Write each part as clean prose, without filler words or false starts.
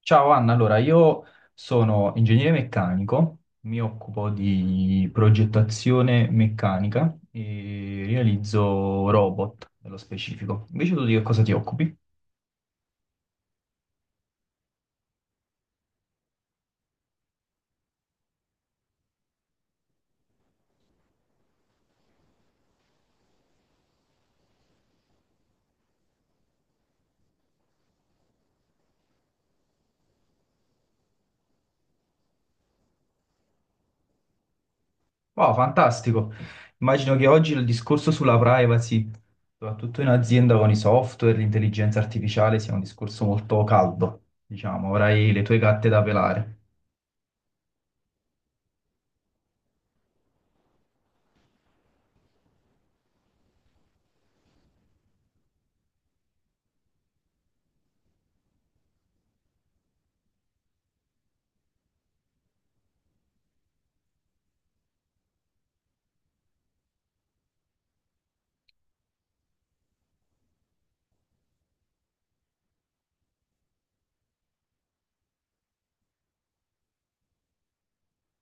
Ciao Anna, allora io sono ingegnere meccanico, mi occupo di progettazione meccanica e realizzo robot nello specifico. Invece tu di che cosa ti occupi? Wow, fantastico! Immagino che oggi il discorso sulla privacy, soprattutto in azienda con i software, l'intelligenza artificiale, sia un discorso molto caldo, diciamo, avrai le tue gatte da pelare.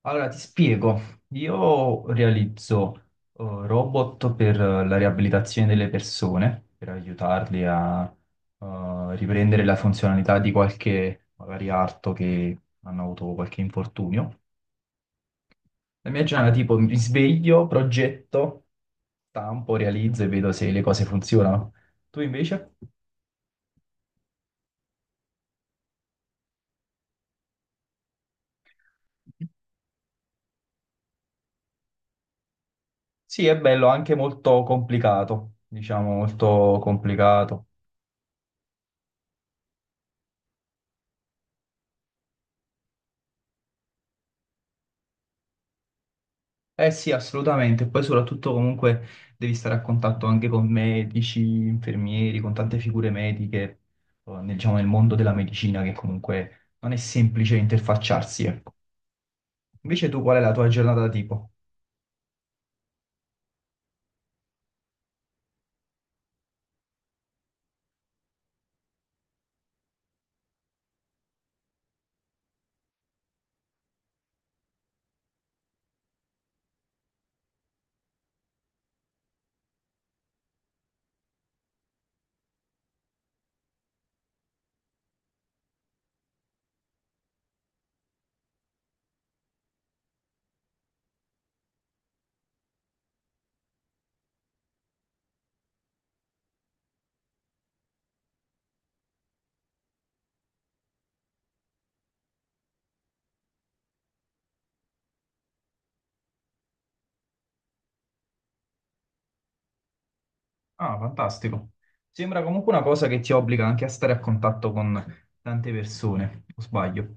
Allora, ti spiego. Io realizzo robot per la riabilitazione delle persone, per aiutarli a riprendere la funzionalità di qualche magari arto che hanno avuto qualche infortunio. La mia giornata tipo mi sveglio, progetto, stampo, realizzo e vedo se le cose funzionano. Tu invece? Sì, è bello, anche molto complicato, diciamo molto complicato. Eh sì, assolutamente. Poi soprattutto comunque devi stare a contatto anche con medici, infermieri, con tante figure mediche, nel, diciamo, nel mondo della medicina che comunque non è semplice interfacciarsi, ecco. Invece tu qual è la tua giornata tipo? Ah, fantastico. Sembra comunque una cosa che ti obbliga anche a stare a contatto con tante persone, o sbaglio?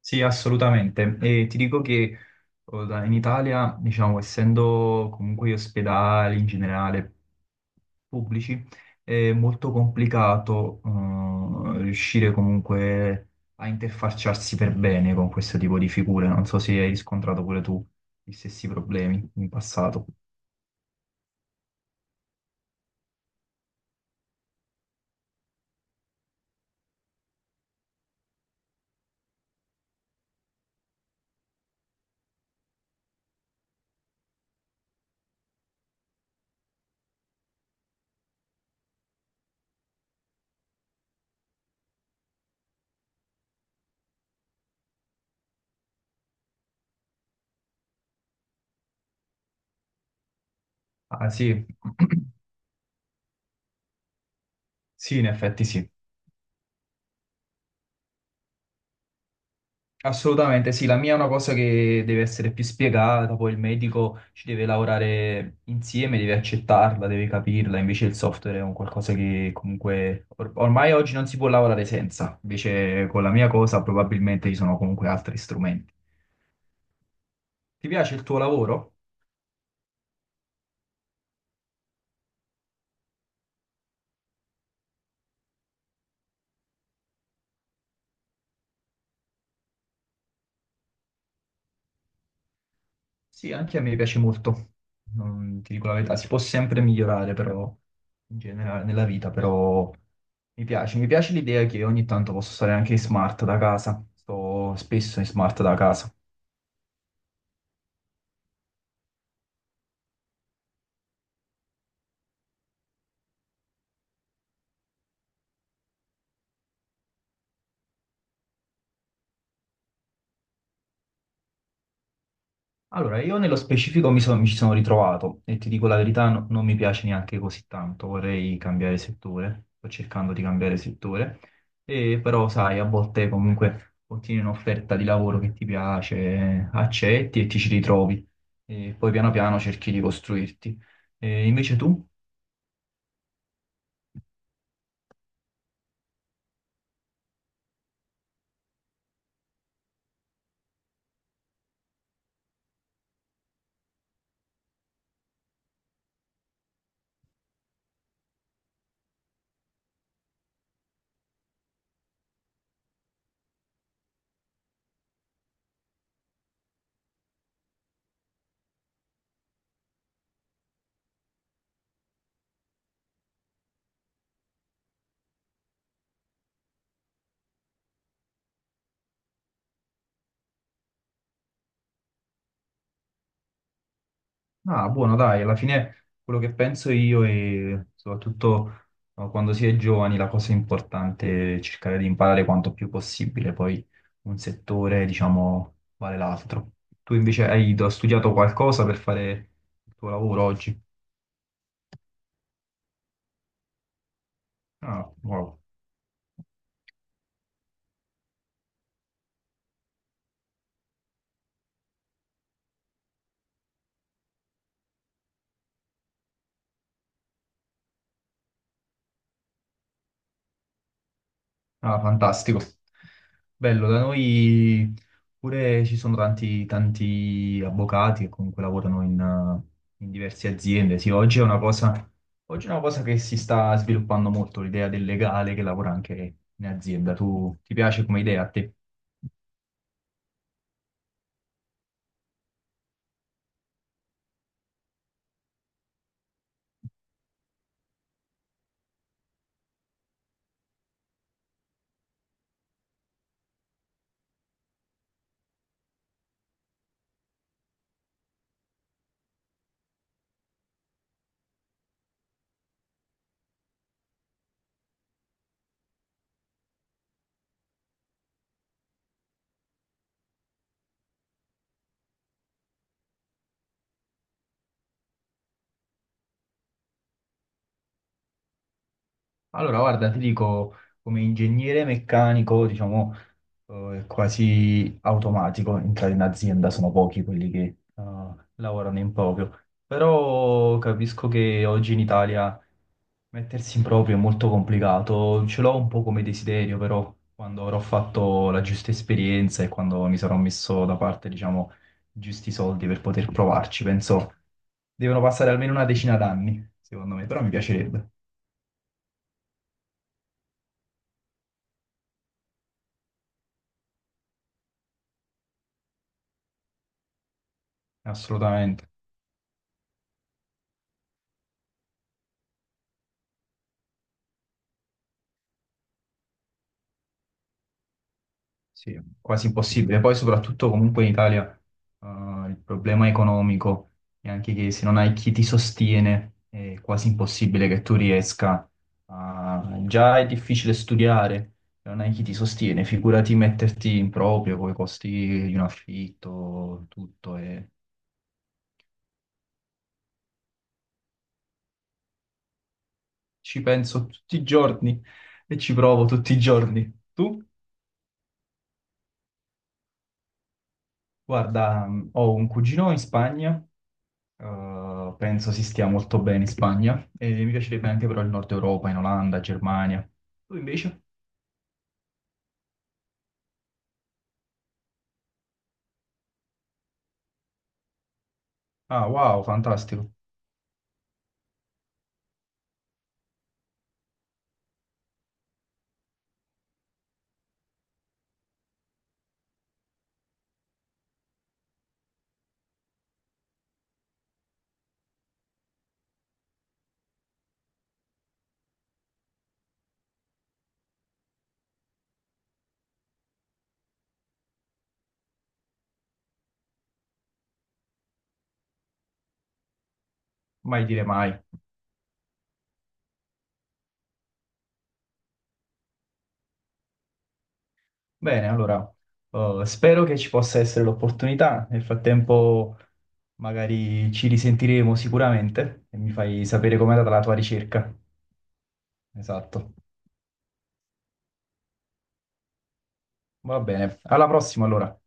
Sì, assolutamente. E ti dico che in Italia, diciamo, essendo comunque gli ospedali in generale pubblici è molto complicato riuscire comunque a interfacciarsi per bene con questo tipo di figure. Non so se hai riscontrato pure tu gli stessi problemi in passato. Ah sì, sì, in effetti sì. Assolutamente sì, la mia è una cosa che deve essere più spiegata, poi il medico ci deve lavorare insieme, deve accettarla, deve capirla, invece il software è un qualcosa che comunque ormai oggi non si può lavorare senza, invece con la mia cosa probabilmente ci sono comunque altri strumenti. Ti piace il tuo lavoro? Sì, anche a me piace molto, non ti dico la verità, si può sempre migliorare però, in generale nella vita, però mi piace l'idea che ogni tanto posso stare anche in smart da casa, sto spesso in smart da casa. Allora, io nello specifico mi ci sono ritrovato e ti dico la verità, non mi piace neanche così tanto, vorrei cambiare settore, sto cercando di cambiare settore, e però sai, a volte comunque ottieni un'offerta di lavoro che ti piace, accetti e ti ci ritrovi, e poi piano piano cerchi di costruirti. E invece tu? Ah, buono, dai, alla fine quello che penso io e soprattutto quando si è giovani la cosa importante è cercare di imparare quanto più possibile, poi un settore, diciamo, vale l'altro. Tu invece hai studiato qualcosa per fare il tuo lavoro oggi? Ah, wow. Ah, fantastico. Bello, da noi pure ci sono tanti, tanti avvocati che comunque lavorano in, in diverse aziende. Sì, oggi è una cosa, oggi è una cosa che si sta sviluppando molto, l'idea del legale che lavora anche in azienda. Tu ti piace come idea a te? Allora, guarda, ti dico, come ingegnere meccanico, diciamo, è quasi automatico entrare in azienda, sono pochi quelli che lavorano in proprio. Però capisco che oggi in Italia mettersi in proprio è molto complicato, ce l'ho un po' come desiderio, però quando avrò fatto la giusta esperienza e quando mi sarò messo da parte, diciamo, i giusti soldi per poter provarci, penso devono passare almeno una decina d'anni, secondo me, però mi piacerebbe, assolutamente. Sì, quasi impossibile. Poi soprattutto comunque in Italia eh, il problema economico è anche che se non hai chi ti sostiene è quasi impossibile che tu riesca a... Già è difficile studiare, se non hai chi ti sostiene, figurati metterti in proprio con i costi di un affitto, tutto. E... Ci penso tutti i giorni e ci provo tutti i giorni. Tu, guarda, ho un cugino in Spagna. Penso si stia molto bene in Spagna e mi piacerebbe anche però il Nord Europa, in Olanda, Germania. Tu invece? Ah, wow, fantastico. Mai dire mai. Bene, allora, spero che ci possa essere l'opportunità. Nel frattempo, magari ci risentiremo sicuramente e mi fai sapere com'è andata la tua ricerca. Esatto. Va bene. Alla prossima, allora.